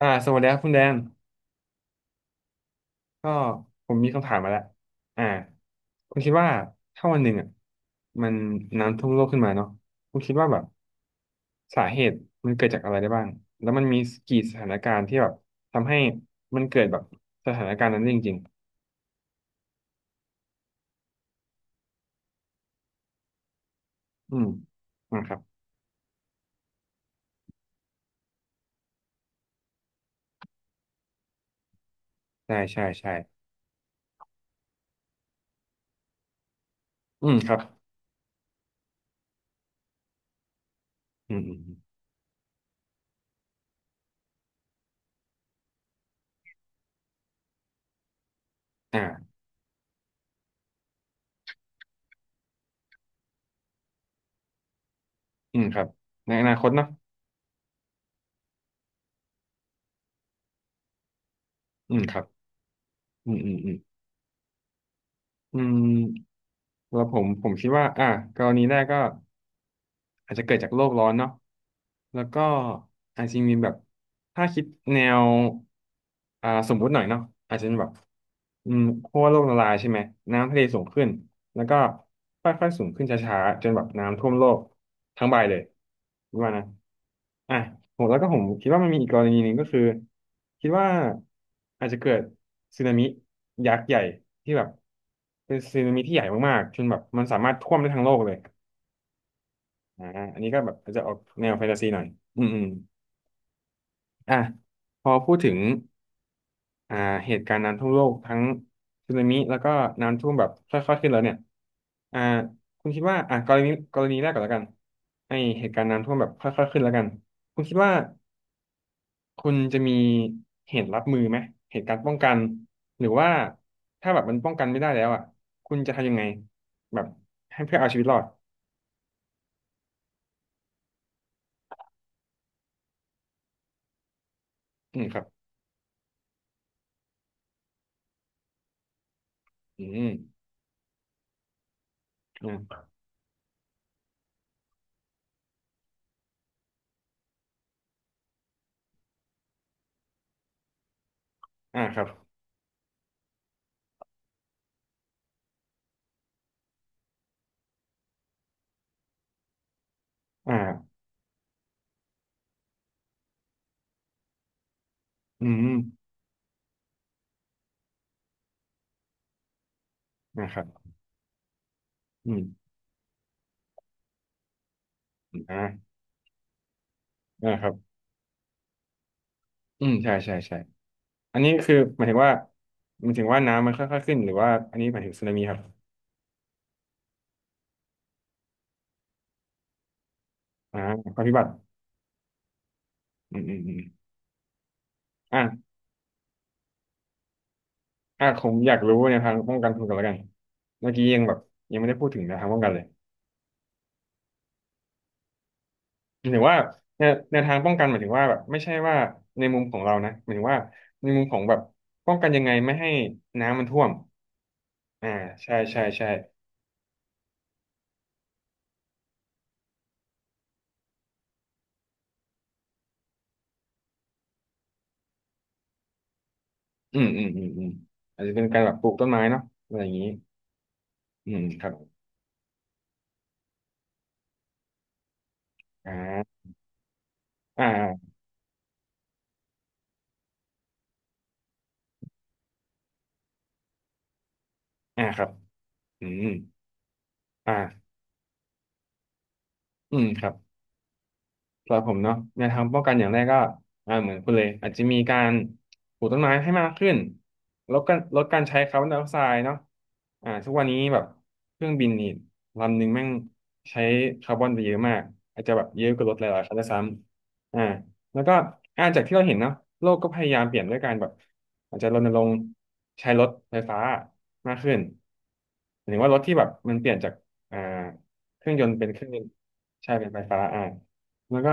สวัสดีครับคุณแดนก็ผมมีคำถามมาแล้วอ่าคุณคิดว่าถ้าวันหนึ่งอ่ะมันน้ำท่วมโลกขึ้นมาเนาะคุณคิดว่าแบบสาเหตุมันเกิดจากอะไรได้บ้างแล้วมันมีกี่สถานการณ์ที่แบบทำให้มันเกิดแบบสถานการณ์นั้นได้จริงๆอืมอ่าครับใช่ใช่ใช่อืมครับอืมอืมอมอ่าอืมครับในอนาคตเนอะอืมครับอืมอืมอืมอืมแล้วผมคิดว่าอ่ะกรณีแรกก็ อาจจะเกิดจากโลกร้อนเนาะแล้วก็อาจจะมีแบบถ้าคิดแนวสมมุติหน่อยเนาะอาจจะเป็นแบบอืมขั้วโลกละลายใช่ไหมน้ำทะเลสูงขึ้น แล้วก็ค่อยๆสูงขึ้นช้าๆจนแบบน้ำท่วมโลกทั้งใบเลยรู้ว่านะอ่ะผมแล้วก็ผมคิดว่ามันมีอีกกรณีหนึ่งก็คือคิดว่าอาจจะเกิดสึนามิยักษ์ใหญ่ที่แบบเป็นสึนามิที่ใหญ่มากๆจนแบบมันสามารถท่วมได้ทั้งโลกเลย อ่าอันนี้ก็แบบจะออกแนวแฟนตาซีหน่อยอืมอืมอ่ะพอพูดถึงอ่าเหตุการณ์น้ำท่วมโลกทั้งสึนามิแล้วก็น้ำท่วมแบบค่อยๆขึ้นแล้วเนี่ยอ่าคุณคิดว่าอ่ะกรณีแรกก่อนแล้วกันไอเหตุการณ์น้ำท่วมแบบค่อยๆขึ้นแล้วกันคุณคิดว่าคุณจะมีเหตุรับมือไหมเหตุการณ์ป้องกันหรือว่าถ้าแบบมันป้องกันไม่ได้แล้วอ่ะคุณจะทำยังไงแบบให้เพื่อเอาชีวิตรอดอืมครับอืมอ่าอ่าครับอ่าอืม นะครับอืมอ่านะครับอืมใช่ใช่ใช่อันนี้คือหมายถึงว่าหมายถึงว่าน้ำมันค่อยๆขึ้นหรือว่าอันนี้หมายถึงสึนามิครับอ่าภัยพิบัติอืมอืมอืมอ่าอ่าผมอยากรู้ในทางป้องกันคุณกันแล้วกันเมื่อกี้ยังแบบยังไม่ได้พูดถึงในวทางป้องกันเลยหมายถึงว่าในวทางป้องกันหมายถึงว่าแบบไม่ใช่ว่าในมุมของเรานะหมายถึงว่าในมุมของแบบป้องกันยังไงไม่ให้น้ำมันท่วมอ่าใช่ใช่ใช่อืมอืมอืมอืมอาจจะเป็นการแบบปลูกต้นไม้เนาะอะไรอย่างนี้อืมครับ อ่าอ่าครับอืมอ่าอืมครับ สำหรับผมเนาะแนวทางป้องกันอย่างแรกก็เหมือนคุณเลยอาจจะมีการปลูกต้นไม้ให้มากขึ้นลดการใช้คาร์บอนไดออกไซด์เนาะทุกวันนี้แบบเครื่องบินนี่ลำหนึ่งแม่งใช้คาร์บอนไปเยอะมากอาจจะแบบเยอะกว่ารถหลายๆคันด้วยซ้ำแล้วก็จากที่เราเห็นเนาะโลกก็พยายามเปลี่ยนด้วยการแบบอาจจะรณรงค์ใช้รถไฟฟ้ามากขึ้นหมายถึงว่ารถที่แบบมันเปลี่ยนจากอ่าเครื่องยนต์เป็นเครื่องยนต์ใช่เป็นไฟฟ้าอ่า แล้วก็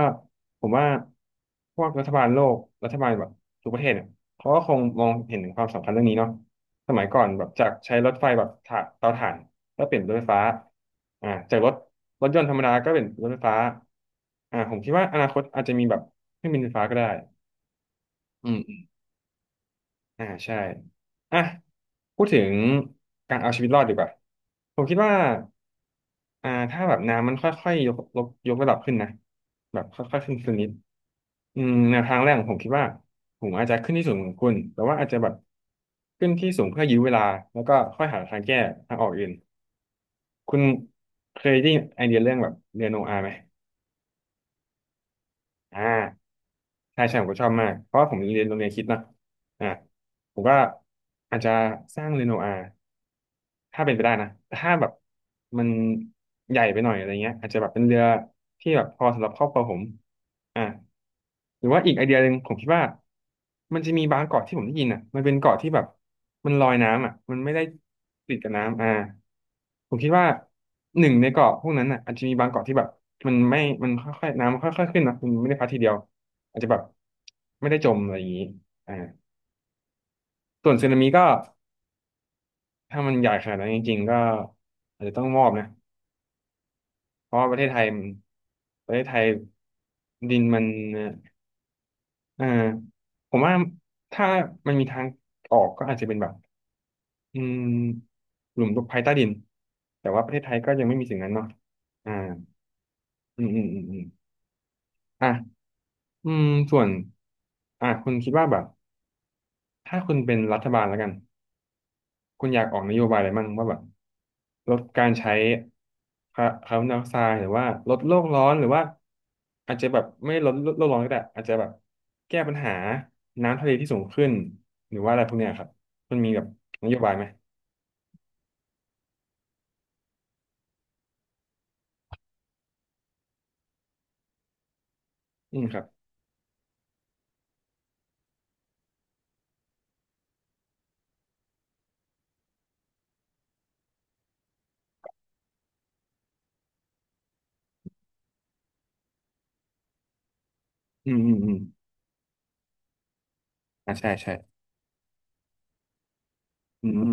ผมว่าพวกรัฐบาลโลก รัฐบาลแบบทุกประเทศเนี่ยเขาก็คงมองเห็นถึงความสำคัญเรื่องนี้เนาะสมัยก่อนแบบจากใช้รถไฟแบบถ่านเตาถ่านก็เปลี่ยนรถไฟฟ้าจากรถรถยนต์ธรรมดาก็เป็นรถไฟฟ้าผมคิดว่าอนาคตอาจจะมีแบบเครื่องบินไฟฟ้าก็ได้อืมอมใช่อ่ะพูดถึงการเอาชีวิตรอดดีกว่าผมคิดว่าถ้าแบบน้ำมันค่อยๆยกระดับขึ้นนะแบบค่อยๆขึ้นสักนิด อืมแนวทางแรกของผมคิดว่าผมอาจจะขึ้นที่สูงของคุณ แต่ว่าอาจจะแบบขึ้นที่สูงเพื่อยื้อเวลาแล้วก็ค่อยหาทางแก้ทางออกอื่นคุณเคยได้ไอเดียเรื่องแบบเรียนโนอาไหมอ่าใช่ใช่ผมก็ชอบมากเพราะว่าผมเรียนโรงเรียนคริดนอะอ่าผมก็อาจจะสร้างเรียนโนอา ถ้าเป็นไปได้นะแต่ถ้าแบบมันใหญ่ไปหน่อยอะไรเงี้ยอาจจะแบบเป็นเรือที่แบบพอสำหรับครอบครัวผมอ่าหรือว่าอีกไอเดียหนึ่งผมคิดว่ามันจะมีบางเกาะที่ผมได้ยินอ่ะมันเป็นเกาะที่แบบมันลอยน้ำอ่ะมันไม่ได้ติดกับน้ำผมคิดว่าหนึ่งในเกาะพวกนั้นอ่ะอาจจะมีบางเกาะที่แบบมันไม่มันค่อยๆน้ำมันค่อยๆขึ้นนะมันไม่ได้พัดทีเดียวอาจจะแบบไม่ได้จมอะไรอย่างนี้อ่าส่วนสึนามิก็ถ้ามันใหญ่ขนาดนั้นจริงๆก็อาจจะต้องมอบนะ เพราะว่าประเทศไทยมันประเทศไทยดินมันเอ่อผมว่าถ้ามันมีทางออกก็อาจจะเป็นแบบอืมหลุมตกภัยใต้ดินแต่ว่าประเทศไทยก็ยังไม่มีสิ่งนั้นเนาะอ่าอืมอืมอืมอืมอ่ะอืมส่วนคุณคิดว่าแบบถ้าคุณเป็นรัฐบาลแล้วกัน คุณอยากออกนโยบายอะไรมั่งว่าแบบลดการใช้คาร์บอนไดออกไซด์หรือว่าลดโลกร้อนหรือว่าอาจจะแบบไม่ลดโลกร้อนก็ได้อาจจะแบบแก้ปัญหาน้ำทะเลที่สูงขึ้นหรือว่าอะไรพวกเนี้ยครับมันมีแบบนโยบายไหมอืมครับอืมอืมอืมอ่าใช่ใช่อืมอืม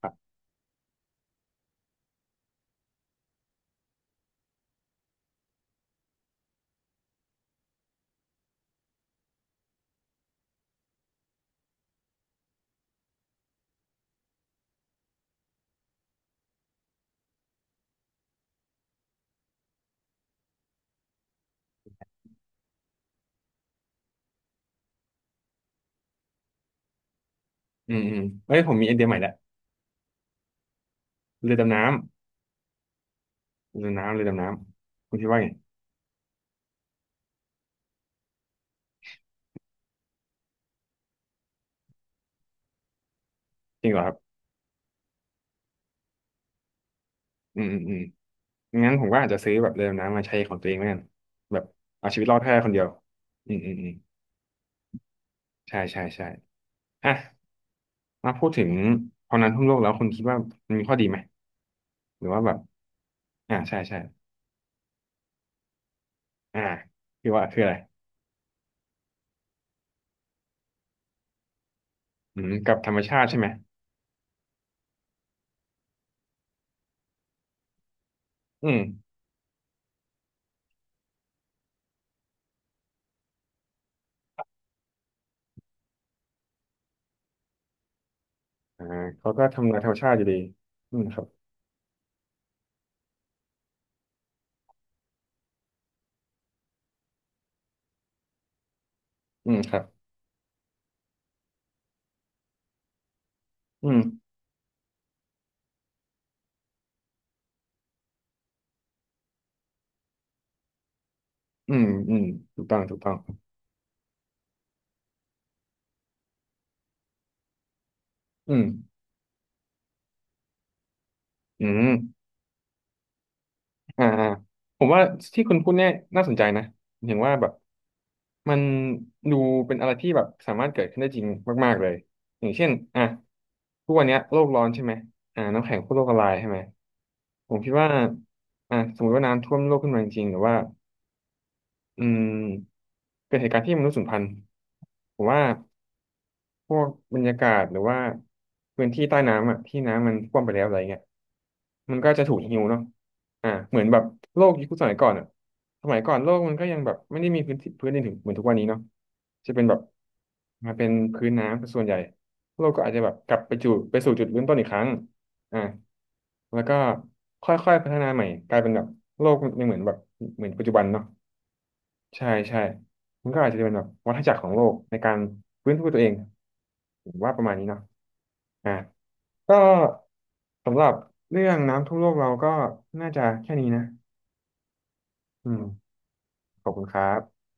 ครับเอ้ยผมมีไอเดียใหม่แล้วเรือดำน้เรือดำน้ำคุณคิดว่าไงจริงเหรอครับอืมอืมอืม งั้นผมก็อาจจะซื้อแบบเรือดำน้ำมาใช้ของตัวเองแม่นแบบเอาชีวิตรอดแค่คนเดียวอืมอืมอืมใช่ใช่ใช่อ่ะมาพูดถึงพอนั้นทั่วโลกแล้วคุณคิดว่ามันมีข้อดีไหมหรือว่าแบบอ่าใช่ใช่อ่าคือว่าคืออะไรอืมกับธรรมชาติใช่ไหมอืมอ่าเขาก็ทำลายธรรมชาติอยู่ดีอืมครับอืมครับอืมอืมอืมถูกต้องถูกต้องอืมอืม อ่าอ่าผมว่าที่คุณพูดเนี่ยน่าสนใจนะเห็นว่าแบบมันดูเป็นอะไรที่แบบสามารถเกิดขึ้นได้จริงมากๆเลยอย่างเช่นอ่ะทุกวันเนี้ยโลกร้อนใช่ไหมอ่าน้ำแข็งขั้วโลกละลายใช่ไหมผมคิดว่าอ่ะสมมติว่าน้ำท่วมโลกขึ้นมาจริงๆหรือว่าอืมเกิดเหตุการณ์ที่มนุษย์สูญพันธุ์ผมว่า พวกบรรยากาศหรือว่าพื้นที่ใต้น้ำอ่ะที่น้ำมันท่วมไปแล้วอะไรเงี้ยมันก็จะถูกหิวเนาะอ่าเหมือนแบบโลกยุคสมัยก่อนอ่ะสมัยก่อนโลกมันก็ยังแบบไม่ได้มีพื้นที่พื้นดินถึงเหมือนทุกวันนี้เนาะจะเป็นแบบมาเป็นพื้นน้ำเป็นส่วนใหญ่โลกก็อาจจะแบบกลับไปสู่จุดเริ่มต้นอีกครั้งอ่าแล้วก็ค่อยๆพัฒนาใหม่กลายเป็นแบบโลกยังเหมือนแบบเหมือนปัจจุบันเนาะ ใช่ใช่ มันก็อาจจะเป็นแบบวัฏจักรของโลกในการฟื้นฟูตัวเองผมว่าประมาณนี้เนาะอ่ะก็สำหรับเรื่องน้ำท่วมโลกเราก็น่าจะแค่นี้นะอืมขอบคุณครับ